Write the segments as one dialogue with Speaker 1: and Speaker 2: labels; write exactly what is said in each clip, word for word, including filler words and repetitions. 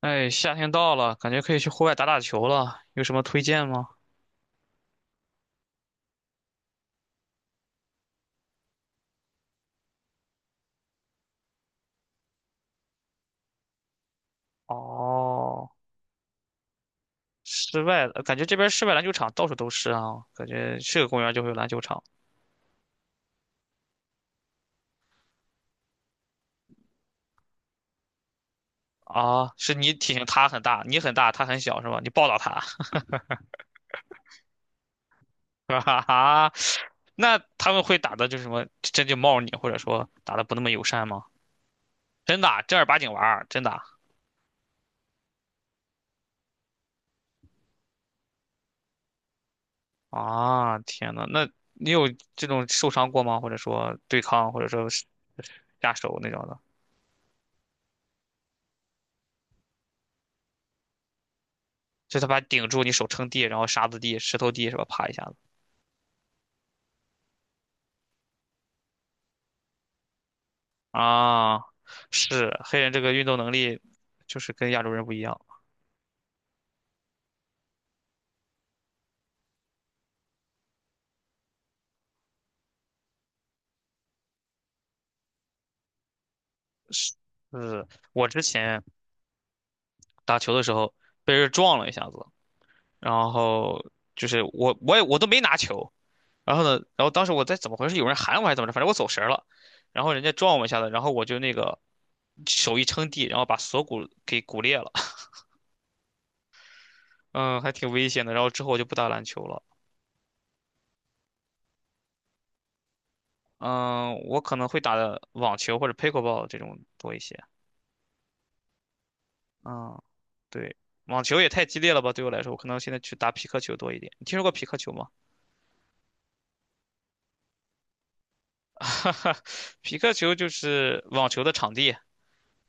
Speaker 1: 哎，夏天到了，感觉可以去户外打打球了，有什么推荐吗？哦，室外的，感觉这边室外篮球场到处都是啊，感觉是个公园就会有篮球场啊。是你体型他很大，你很大，他很小是吧？你抱到他，是哈哈，那他们会打的就是什么，真就冒你，或者说打的不那么友善吗？真的啊正儿八经玩儿，真的啊。啊天呐，那你有这种受伤过吗？或者说对抗，或者说是下手那种的？就他把你顶住，你手撑地，然后沙子地、石头地是吧？啪一下子啊，是黑人这个运动能力就是跟亚洲人不一样。就是我之前打球的时候被人撞了一下子，然后就是我我也我都没拿球，然后呢，然后当时我在怎么回事？有人喊我还是怎么着？反正我走神儿了，然后人家撞我一下子，然后我就那个手一撑地，然后把锁骨给骨裂了，嗯，还挺危险的。然后之后我就不打篮球了。嗯，我可能会打的网球或者 pickleball 这种多一些。嗯，对，网球也太激烈了吧，对我来说，我可能现在去打匹克球多一点。你听说过匹克球吗？匹克球就是网球的场地，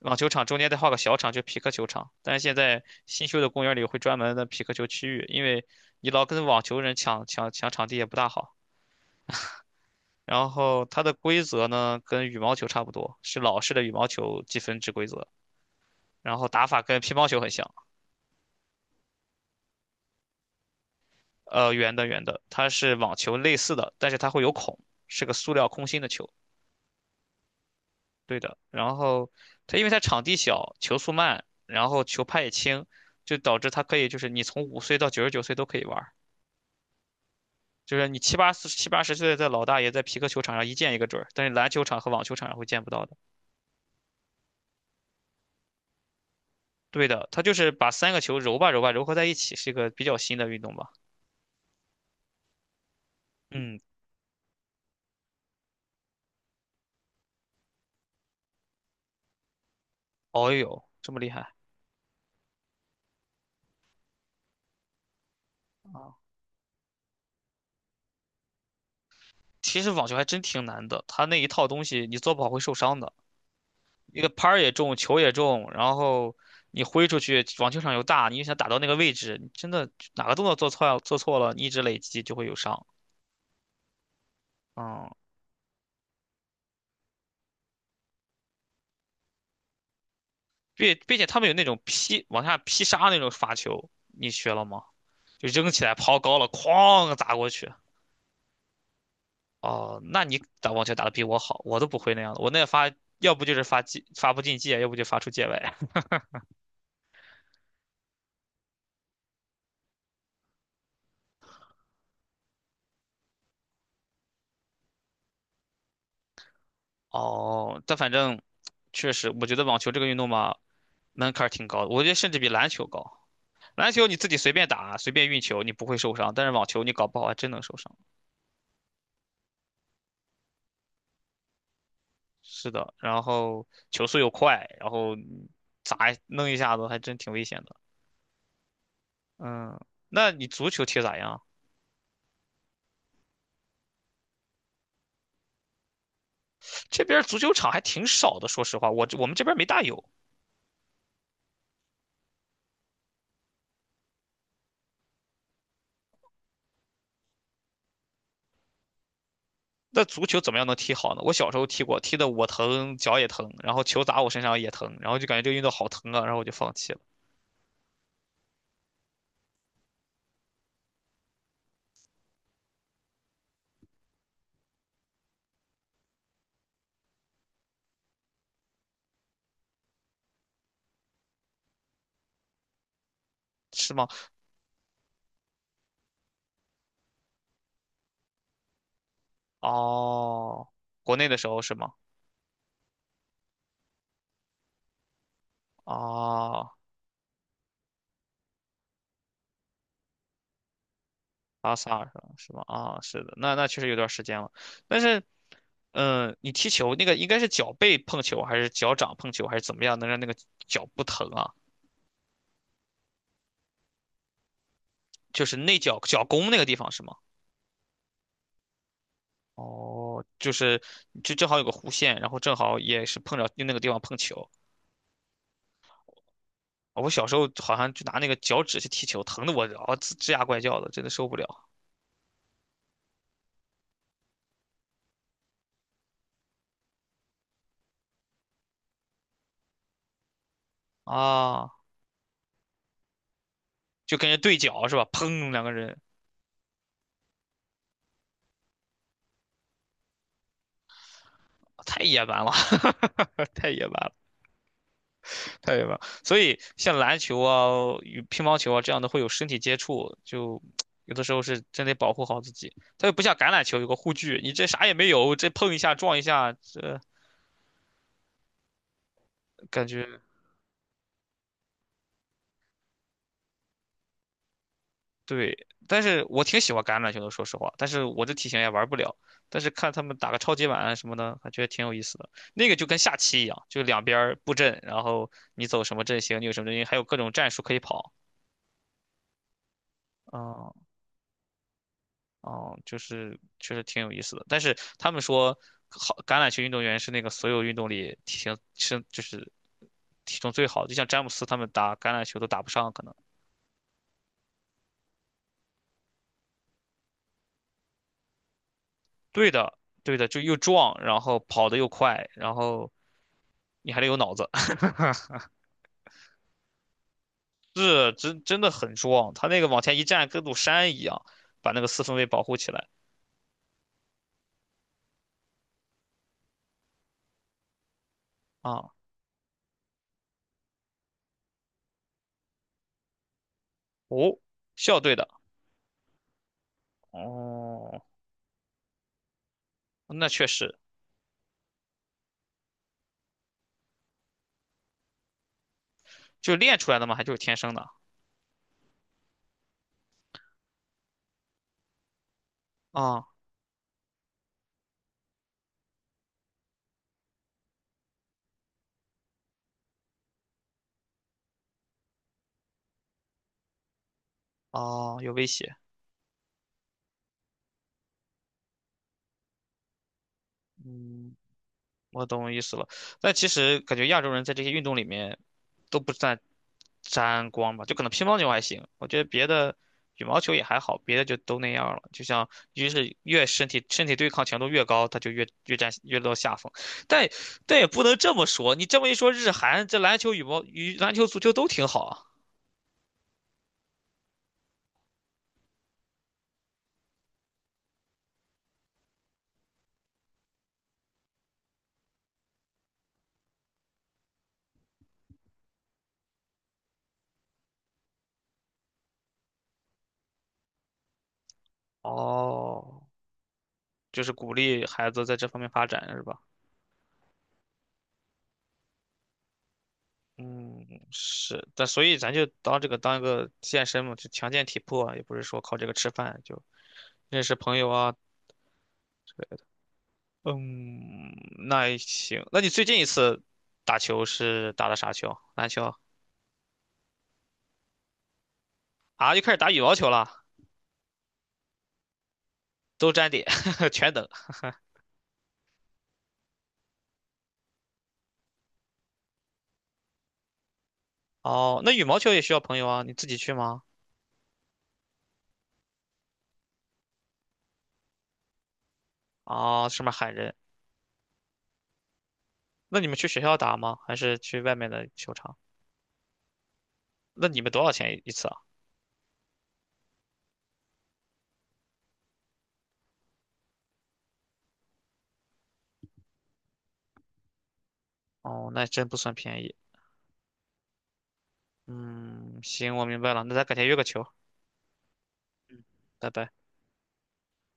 Speaker 1: 网球场中间再画个小场，就匹克球场。但是现在新修的公园里会专门的匹克球区域，因为你老跟网球人抢抢抢场地也不大好。然后它的规则呢，跟羽毛球差不多，是老式的羽毛球积分制规则，然后打法跟乒乓球很像。呃，圆的圆的，它是网球类似的，但是它会有孔，是个塑料空心的球。对的，然后它因为它场地小，球速慢，然后球拍也轻，就导致它可以就是你从五岁到九十九岁都可以玩儿就是你七八四七八十岁的老大爷在皮克球场上一见一个准儿，但是篮球场和网球场上会见不到的。对的，它就是把三个球揉吧揉吧揉合在一起，是一个比较新的运动吧。嗯，哦哟，这么厉害啊！其实网球还真挺难的，它那一套东西你做不好会受伤的。一个拍儿也重，球也重，然后你挥出去，网球场又大，你又想打到那个位置，你真的哪个动作做错了做错了，你一直累积就会有伤。嗯，并并且他们有那种劈往下劈杀那种发球，你学了吗？就扔起来抛高了，哐砸过去。哦，那你打网球打得比我好，我都不会那样的。我那发要不就是发界发不进界，要不就发出界外。哦，但反正确实，我觉得网球这个运动嘛，门槛儿挺高的，我觉得甚至比篮球高。篮球你自己随便打，随便运球，你不会受伤，但是网球你搞不好还真能受伤。是的，然后球速又快，然后砸一弄一下子还真挺危险的。嗯，那你足球踢咋样？这边足球场还挺少的，说实话，我这我们这边没大有。那足球怎么样能踢好呢？我小时候踢过，踢的我疼，脚也疼，然后球砸我身上也疼，然后就感觉这个运动好疼啊，然后我就放弃了。是吗？哦，国内的时候是吗？哦，巴萨是吧？是吗？啊，是的，那那确实有段时间了。但是，嗯、你踢球那个应该是脚背碰球，还是脚掌碰球，还是怎么样，能让那个脚不疼啊？就是内脚脚弓那个地方是吗？哦，就是就正好有个弧线，然后正好也是碰着用那个地方碰球。我小时候好像就拿那个脚趾去踢球，疼的我啊吱吱呀怪叫的，真的受不了啊！就跟人对脚是吧？砰，两个人太野蛮了，太野蛮了。太远了，所以像篮球啊、与乒乓球啊这样的会有身体接触，就有的时候是真得保护好自己。它又不像橄榄球有个护具，你这啥也没有，这碰一下撞一下，这感觉对。但是我挺喜欢橄榄球的，说实话，但是我这体型也玩不了。但是看他们打个超级碗啊什么的，还觉得挺有意思的。那个就跟下棋一样，就两边儿布阵，然后你走什么阵型，你有什么阵型，还有各种战术可以跑。啊、哦，就是确实挺有意思的。但是他们说，好橄榄球运动员是那个所有运动里体型身就是体重最好的，就像詹姆斯他们打橄榄球都打不上，可能。对的，对的，就又壮，然后跑得又快，然后你还得有脑子，是真真的很壮。他那个往前一站，跟座山一样，把那个四分卫保护起来啊。哦，校队的，哦，那确实就练出来的嘛，还就是天生的啊哦，有威胁，嗯。我懂意思了。但其实感觉亚洲人在这些运动里面都不占沾光吧，就可能乒乓球还行，我觉得别的羽毛球也还好，别的就都那样了。就像越是越身体身体对抗强度越高，他就越越占越落下风。但但也不能这么说，你这么一说，日韩这篮球、羽毛、羽篮球、足球都挺好啊。哦，就是鼓励孩子在这方面发展是吧？嗯，是，但所以咱就当这个当一个健身嘛，就强健体魄啊，也不是说靠这个吃饭，就认识朋友啊之类的。嗯，那也行。那你最近一次打球是打的啥球？篮球啊？又开始打羽毛球了，都沾点，全等。哦，那羽毛球也需要朋友啊，你自己去吗？啊，上面喊人。那你们去学校打吗？还是去外面的球场？那你们多少钱一次啊？哦，那真不算便宜。嗯，行，我明白了，那咱改天约个球。嗯，拜拜。